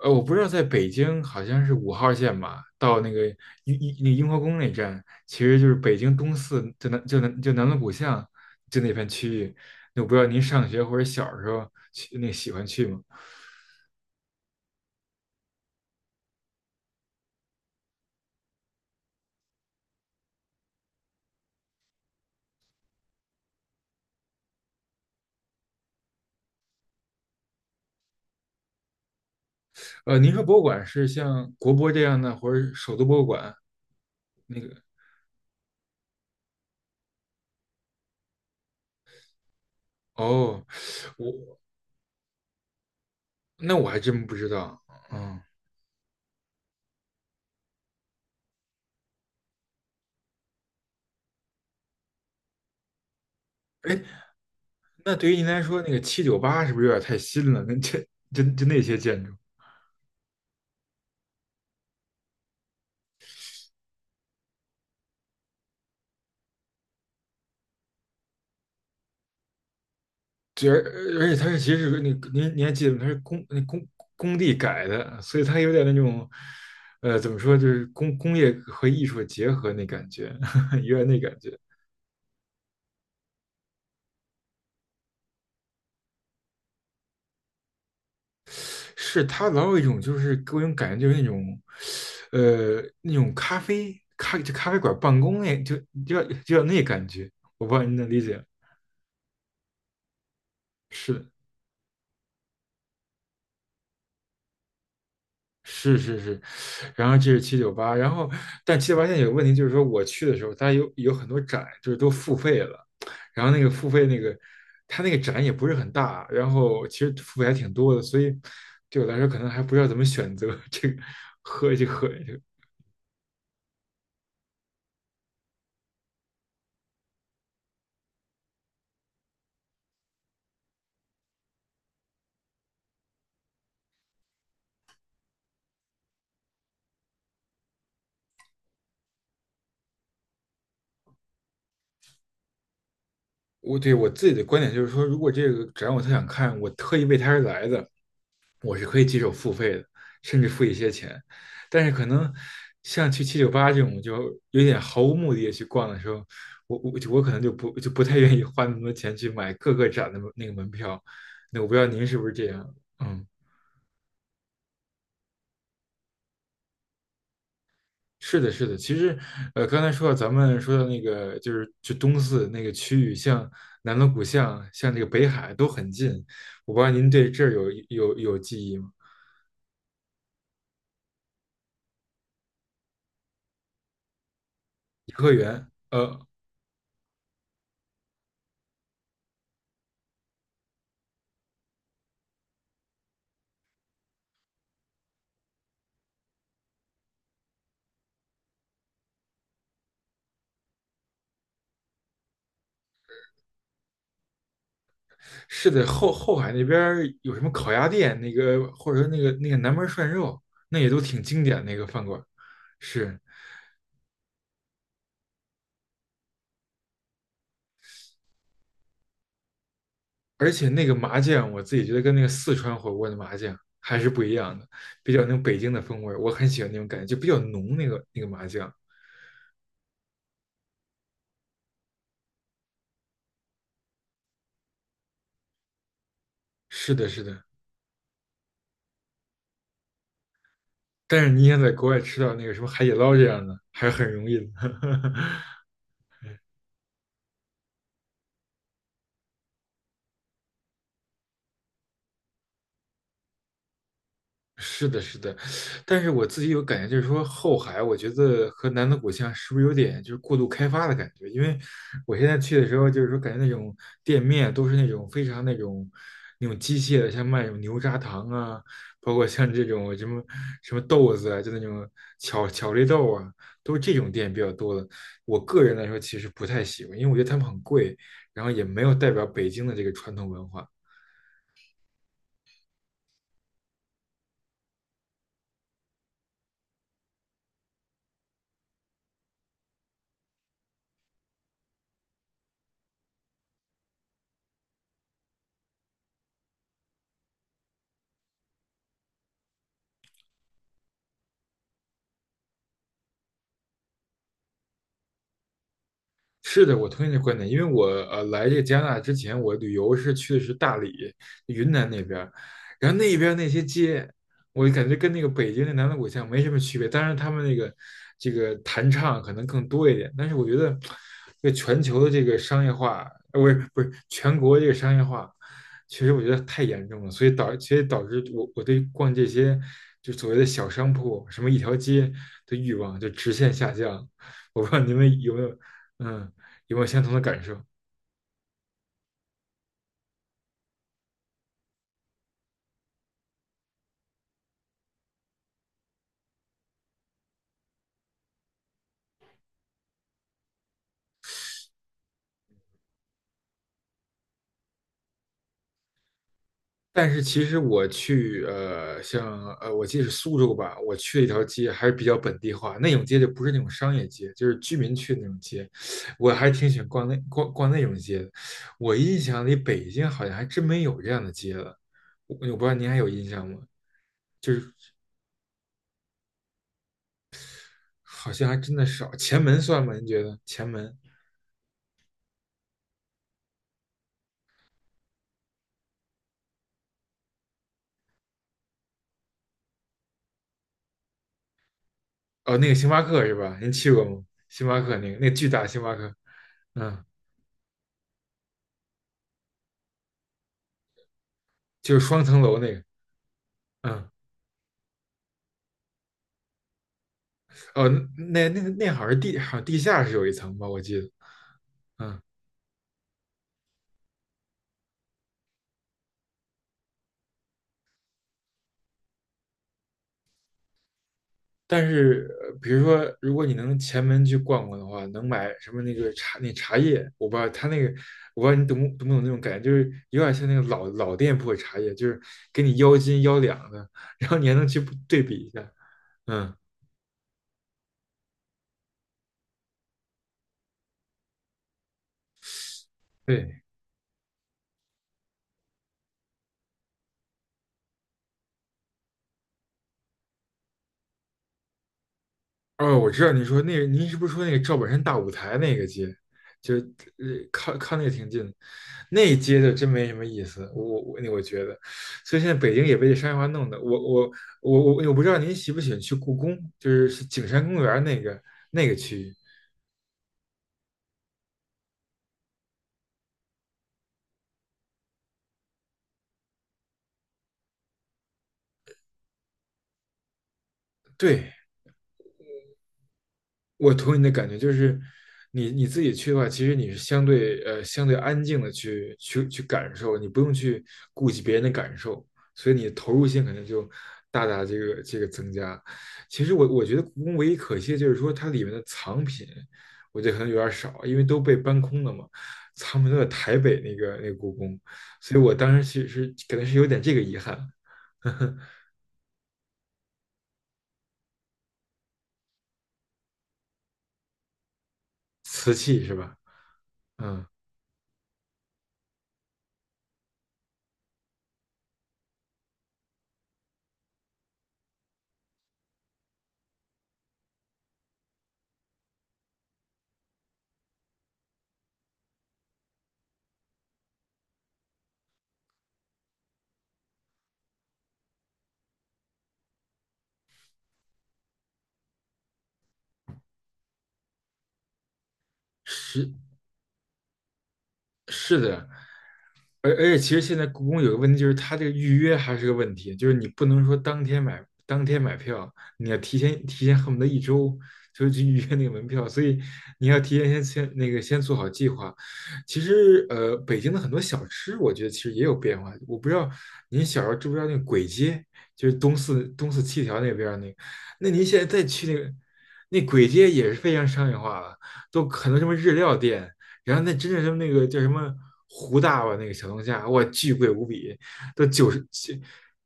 我不知道在北京好像是5号线吧，到那个雍和宫那站，其实就是北京东四，就南锣鼓巷就那片区域。那我不知道您上学或者小时候去那喜欢去吗？您说博物馆是像国博这样的，或者首都博物馆那个？哦，我我还真不知道。嗯。哎，那对于您来说，那个七九八是不是有点太新了？那这就那些建筑？就，而而且它是其实是那个您还记得吗？它是工那工工地改的，所以它有点那种，怎么说，就是工业和艺术的结合那感觉，有点那感觉。是它老有一种就是给我一种感觉，就是那种，那种咖啡馆办公那就要那感觉，我不知道您能理解。是的，是是是，然后这是七九八。然后但七九八现在有个问题，就是说我去的时候，它有很多展，就是都付费了，然后那个付费那个，它那个展也不是很大，然后其实付费还挺多的，所以对我来说可能还不知道怎么选择 这个喝这和这个。我对我自己的观点就是说，如果这个展我特想看，我特意为它而来的，我是可以接受付费的，甚至付一些钱。但是可能像去七九八这种就有点毫无目的的去逛的时候，我可能就不太愿意花那么多钱去买各个展的那个门票。那我不知道您是不是这样？嗯，是的，是的。其实，刚才咱们说到那个就是东四那个区域，像南锣鼓巷，像这个北海都很近。我不知道您对这儿有记忆吗？颐和园。是的，后海那边儿有什么烤鸭店，那个或者说那个南门涮肉，那也都挺经典的那个饭馆。是，而且那个麻酱，我自己觉得跟那个四川火锅的麻酱还是不一样的，比较那种北京的风味儿，我很喜欢那种感觉，就比较浓那个麻酱。是的，是的，但是你想在国外吃到那个什么海底捞这样的，还是很容易的。是的，是的，但是我自己有感觉，就是说后海，我觉得和南锣鼓巷是不是有点就是过度开发的感觉？因为我现在去的时候，就是说感觉那种店面都是那种非常那种机械的，像卖那种牛轧糖啊，包括像这种什么什么豆子啊，就那种巧克力豆啊，都是这种店比较多的。我个人来说，其实不太喜欢，因为我觉得他们很贵，然后也没有代表北京的这个传统文化。是的，我同意你的观点，因为我来这个加拿大之前，我旅游是去的是大理、云南那边儿，然后那边儿那些街，我就感觉跟那个北京的南锣鼓巷没什么区别，当然他们那个这个弹唱可能更多一点，但是我觉得这个全球的这个商业化，不是不是全国这个商业化，其实我觉得太严重了，所以其实导致我对逛这些就所谓的小商铺，什么一条街的欲望就直线下降，我不知道你们有没有。嗯，有没有相同的感受？但是其实我去像我记得是苏州吧，我去了一条街还是比较本地化，那种街就不是那种商业街，就是居民区的那种街，我还挺喜欢逛那种街的。我印象里北京好像还真没有这样的街了，我不知道您还有印象吗？就是好像还真的少。前门算吗？您觉得前门？哦，那个星巴克是吧？您去过吗？星巴克那个巨大星巴克，嗯，就是双层楼那个，嗯。哦，那好像是好像地下是有一层吧，我记得，嗯，但是比如说，如果你能前门去逛逛的话，能买什么那个茶叶，我不知道他那个，我不知道你懂不懂那种感觉，就是有点像那个老店铺的茶叶，就是给你腰斤腰两的，然后你还能去对比一下，嗯，对。哦，我知道你说那个，您是不是说那个赵本山大舞台那个街，就靠那个挺近的，那一街就真没什么意思，我觉得，所以现在北京也被这商业化弄的，我不知道您喜不喜欢去故宫，就是景山公园那个区域，对，我同意你的感觉，就是你自己去的话，其实你是相对相对安静的去感受，你不用去顾及别人的感受，所以你投入性可能就大大增加。其实我觉得故宫唯一可惜的就是说它里面的藏品，我觉得可能有点少，因为都被搬空了嘛，藏品都在台北那个故宫，所以我当时其实可能是有点这个遗憾，瓷器是吧？嗯，是是的，而且其实现在故宫有个问题，就是它这个预约还是个问题，就是你不能说当天买票，你要提前恨不得一周就去预约那个门票，所以你要提前先先那个先做好计划。其实北京的很多小吃，我觉得其实也有变化。我不知道您小时候知不知道那个簋街，就是东四七条那边儿那个，那您现在再去那鬼街也是非常商业化了，都很多什么日料店。然后那真正什么那个叫什么胡大吧，那个小龙虾，哇，巨贵无比，都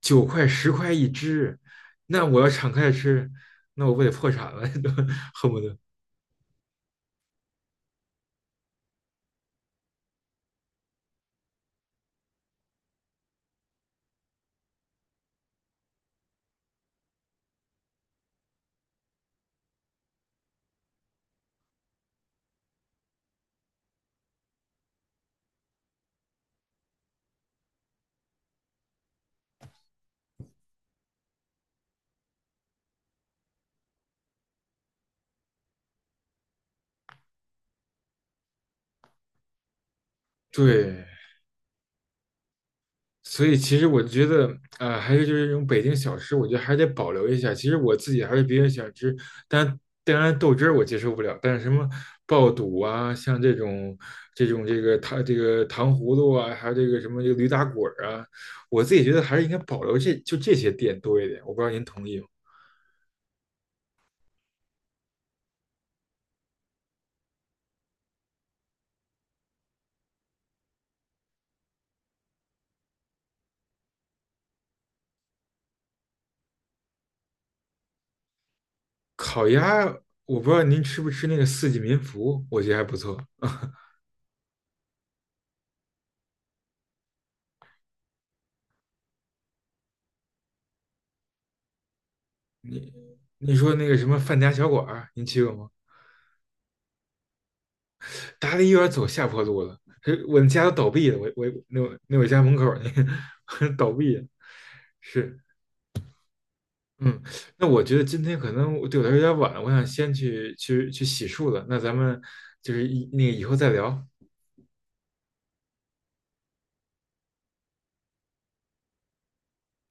9块10块一只。那我要敞开吃，那我不得破产了，都恨不得。对，所以其实我觉得，啊，还是就是这种北京小吃，我觉得还是得保留一下。其实我自己还是比较喜欢吃，但当然豆汁儿我接受不了，但是什么爆肚啊，像这种这个糖葫芦啊，还有这个什么这个驴打滚儿啊，我自己觉得还是应该保留这些店多一点。我不知道您同意吗？烤鸭，我不知道您吃不吃那个四季民福，我觉得还不错。你你说那个什么范家小馆儿，您去过吗？达利有点走下坡路了，是我们家都倒闭了，我家门口那个 倒闭了，是。嗯。那我觉得今天可能我对我来说有点晚了，我想先去洗漱了，那咱们就是以那个以后再聊。